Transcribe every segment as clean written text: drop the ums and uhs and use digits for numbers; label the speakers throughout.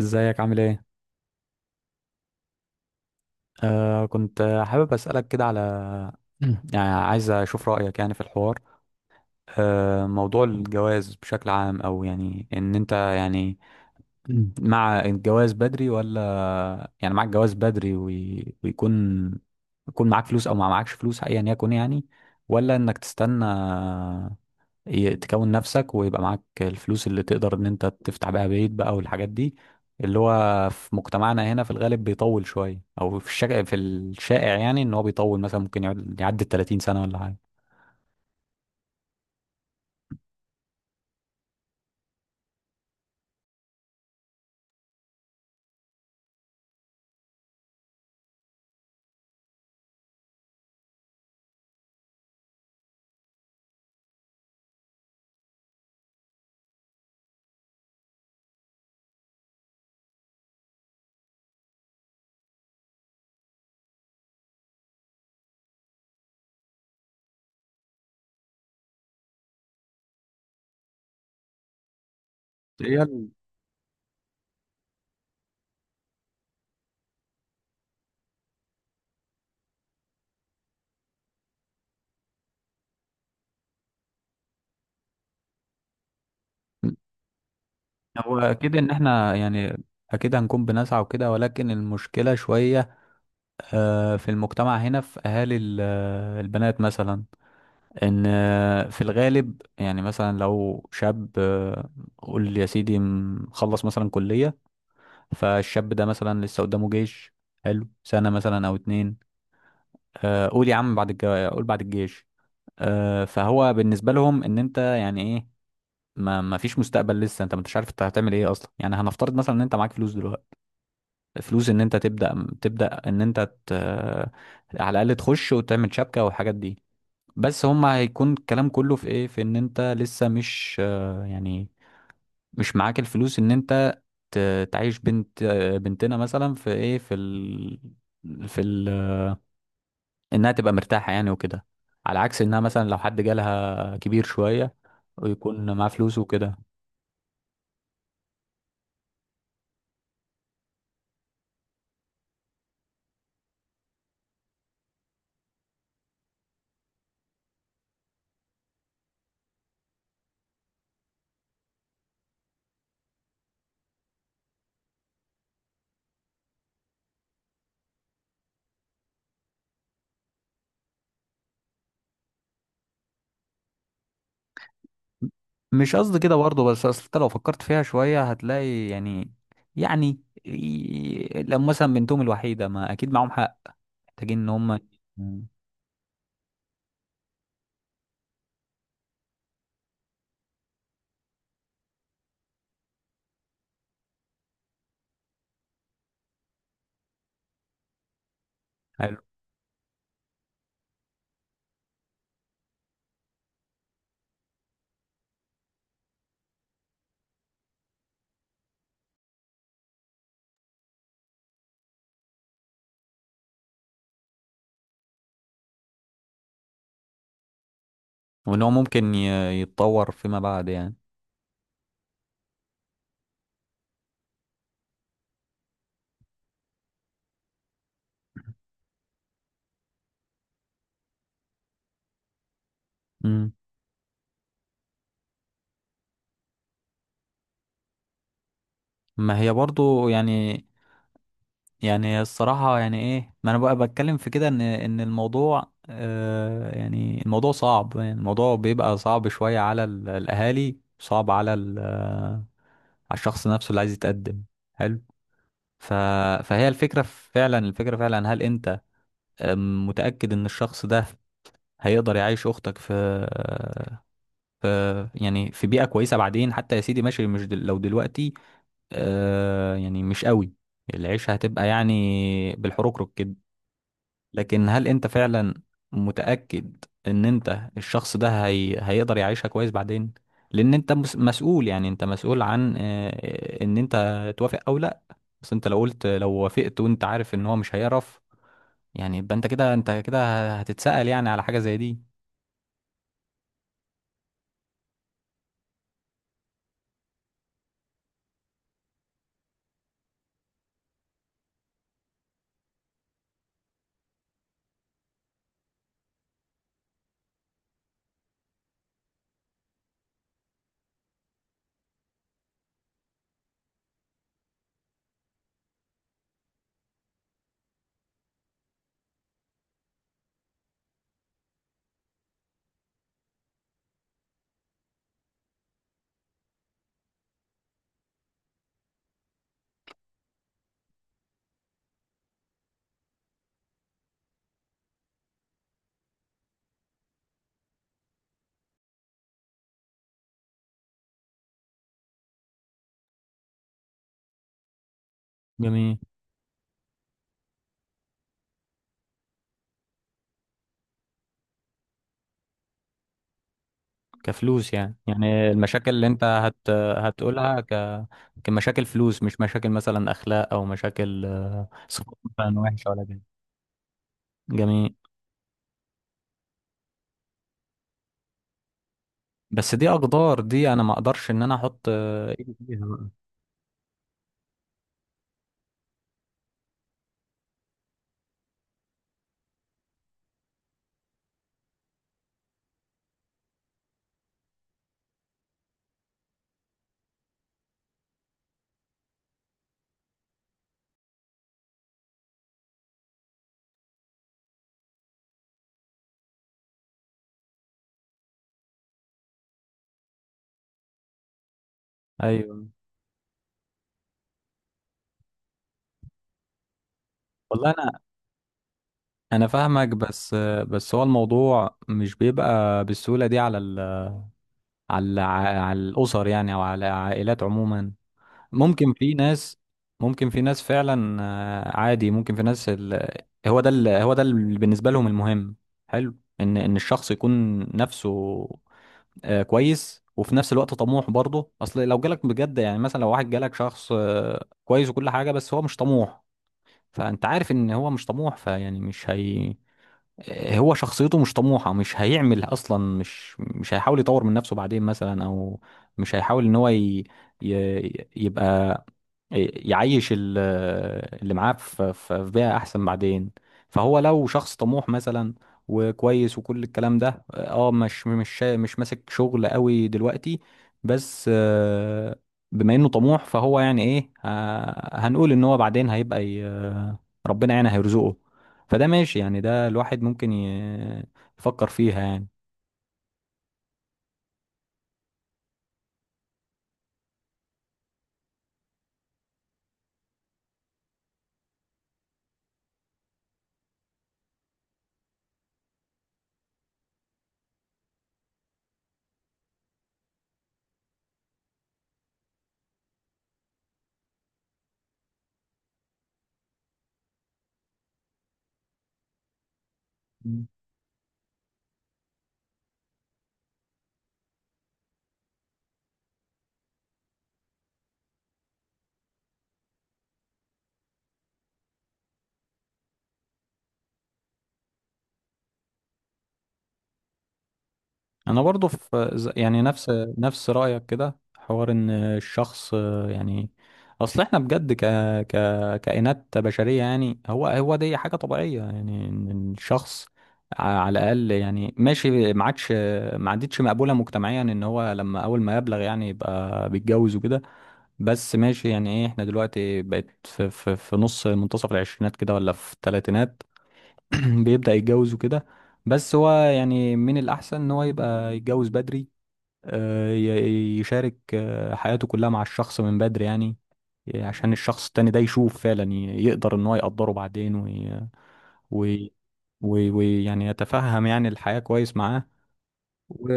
Speaker 1: ازيك عامل ايه؟ آه كنت آه، حابب اسالك كده على، يعني عايز اشوف رايك يعني في الحوار، موضوع الجواز بشكل عام، او يعني ان انت يعني مع الجواز بدري ولا، يعني معاك جواز بدري وي- ويكون يكون معاك فلوس او ما معاكش فلوس ايا يكن يعني، ولا انك تستنى تكون نفسك ويبقى معاك الفلوس اللي تقدر ان انت تفتح بيها بيت بقى والحاجات دي، اللي هو في مجتمعنا هنا في الغالب بيطول شوية، او في الشائع يعني ان هو بيطول، مثلا ممكن يعدي 30 سنة ولا حاجة. هي ال- هو اكيد ان احنا يعني، اكيد هنكون بنسعى وكده، ولكن المشكله شويه في المجتمع هنا، في اهالي البنات مثلا، ان آه، في الغالب يعني، مثلا لو شاب قول يا سيدي مخلص مثلا كليه، فالشاب ده مثلا لسه قدامه جيش، حلو سنة مثلا أو اتنين، آه، قول يا عم بعد الجو... قول بعد الجيش. فهو بالنسبة لهم إن أنت يعني إيه، ما فيش مستقبل، لسه انت ما انتش عارف انت هتعمل ايه اصلا. يعني هنفترض مثلا ان انت معاك فلوس دلوقتي، فلوس ان انت تبدا ان انت ت... على الاقل تخش وتعمل شبكه والحاجات دي، بس هم هيكون الكلام كله في ايه، في ان انت لسه مش يعني مش معاك الفلوس ان انت تعيش بنت، بنتنا مثلا في ايه في ال... في ال... انها تبقى مرتاحة يعني وكده، على عكس انها مثلا لو حد جالها كبير شوية ويكون معاه فلوس وكده. مش قصدي كده برضه، بس اصل انت لو فكرت فيها شوية هتلاقي يعني، يعني لو مثلا بنتهم الوحيدة ما اكيد معاهم حق، محتاجين ان هم. مم. حلو. وان هو ممكن يتطور فيما بعد يعني. مم. ما هي برضو يعني، يعني الصراحة يعني ايه، ما انا بقى بتكلم في كده، ان ان الموضوع يعني الموضوع صعب، يعني الموضوع بيبقى صعب شوية على الاهالي، صعب على على الشخص نفسه اللي عايز يتقدم. حلو. ف... فهي الفكرة فعلا هل انت متأكد ان الشخص ده هيقدر يعيش اختك آه، في يعني في بيئة كويسة بعدين؟ حتى يا سيدي ماشي، مش دل... لو دلوقتي يعني مش قوي، العيشة هتبقى يعني بالحركرك كده. لكن هل انت فعلا متأكد ان انت الشخص ده هيقدر يعيشها كويس بعدين؟ لان انت مسؤول، يعني انت مسؤول عن ان انت توافق او لا. بس انت لو قلت، لو وافقت وانت عارف ان هو مش هيعرف، يعني يبقى انت كده، هتتسأل يعني على حاجة زي دي. جميل. كفلوس يعني، يعني المشاكل اللي انت هتقولها كمشاكل فلوس، مش مشاكل مثلا اخلاق، او مشاكل صفات مثلا وحشة ولا كده؟ جميل. بس دي اقدار، دي انا ما اقدرش ان انا احط ايدي فيها بقى. ايوه. والله انا، انا فاهمك، بس بس هو الموضوع مش بيبقى بالسهوله دي على على على الاسر يعني، او على العائلات عموما. ممكن في ناس، فعلا عادي. ممكن في هو ده هو ده اللي بالنسبة لهم المهم، حلو، ان ان الشخص يكون نفسه كويس، وفي نفس الوقت طموح برضه. اصل لو جالك بجد يعني، مثلا لو واحد جالك شخص كويس وكل حاجة، بس هو مش طموح، فانت عارف ان هو مش طموح. فيعني مش هي آه، هو شخصيته مش طموحة، مش هيعمل اصلا، مش هيحاول يطور من نفسه بعدين مثلا، او مش هيحاول ان يبقى يعيش اللي معاه في بيئة أحسن بعدين. فهو لو شخص طموح مثلا وكويس وكل الكلام ده، اه مش ماسك شغل قوي دلوقتي، بس بما انه طموح، فهو يعني ايه، هنقول ان هو بعدين هيبقى ربنا يعني هيرزقه. فده ماشي يعني، ده الواحد ممكن يفكر فيها يعني. انا برضو في يعني نفس رايك كده حوار، ان الشخص يعني اصل احنا بجد ك ك كائنات بشريه. يعني هو دي حاجه طبيعيه، يعني ان الشخص على الاقل يعني ماشي، ما عادش ما عادتش مقبوله مجتمعيا ان هو لما اول ما يبلغ يعني يبقى بيتجوز وكده، بس ماشي يعني ايه، احنا دلوقتي بقت في نص منتصف العشرينات كده، ولا في الثلاثينات بيبدأ يتجوز وكده. بس هو يعني من الأحسن إن هو يبقى يتجوز بدري، يشارك حياته كلها مع الشخص من بدري يعني، عشان الشخص التاني ده يشوف فعلا يقدر إن هو يقدره بعدين وي... ويعني يتفهم يعني الحياة كويس معاه. و...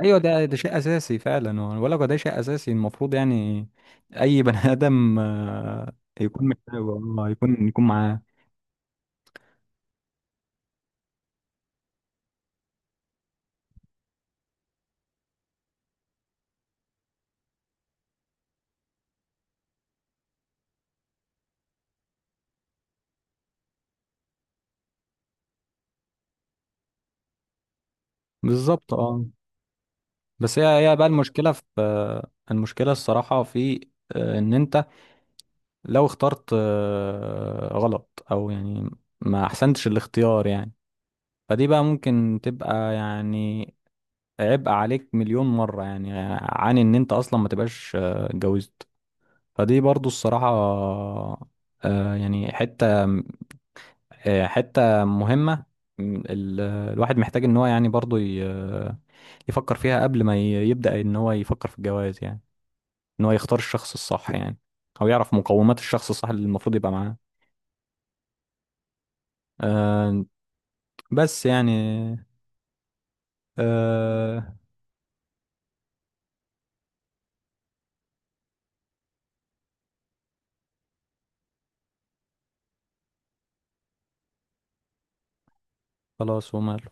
Speaker 1: ايوه، ده شيء اساسي فعلا، ولا ده شيء اساسي المفروض يعني، اي بني ادم يكون محتاجه، يكون معاه. بالظبط. اه. بس هي بقى المشكلة في، المشكلة الصراحة في ان انت لو اخترت غلط، او يعني ما احسنتش الاختيار يعني، فدي بقى ممكن تبقى يعني عبء عليك مليون مرة، يعني عن ان انت اصلا ما تبقاش اتجوزت. فدي برضو الصراحة يعني حتة، حتة مهمة، الواحد محتاج ان هو يعني برضو يفكر فيها قبل ما يبدأ ان هو يفكر في الجواز يعني، ان هو يختار الشخص الصح يعني، او يعرف مقومات الشخص الصح اللي المفروض يبقى معاه. آه بس يعني آه خلاص وماله.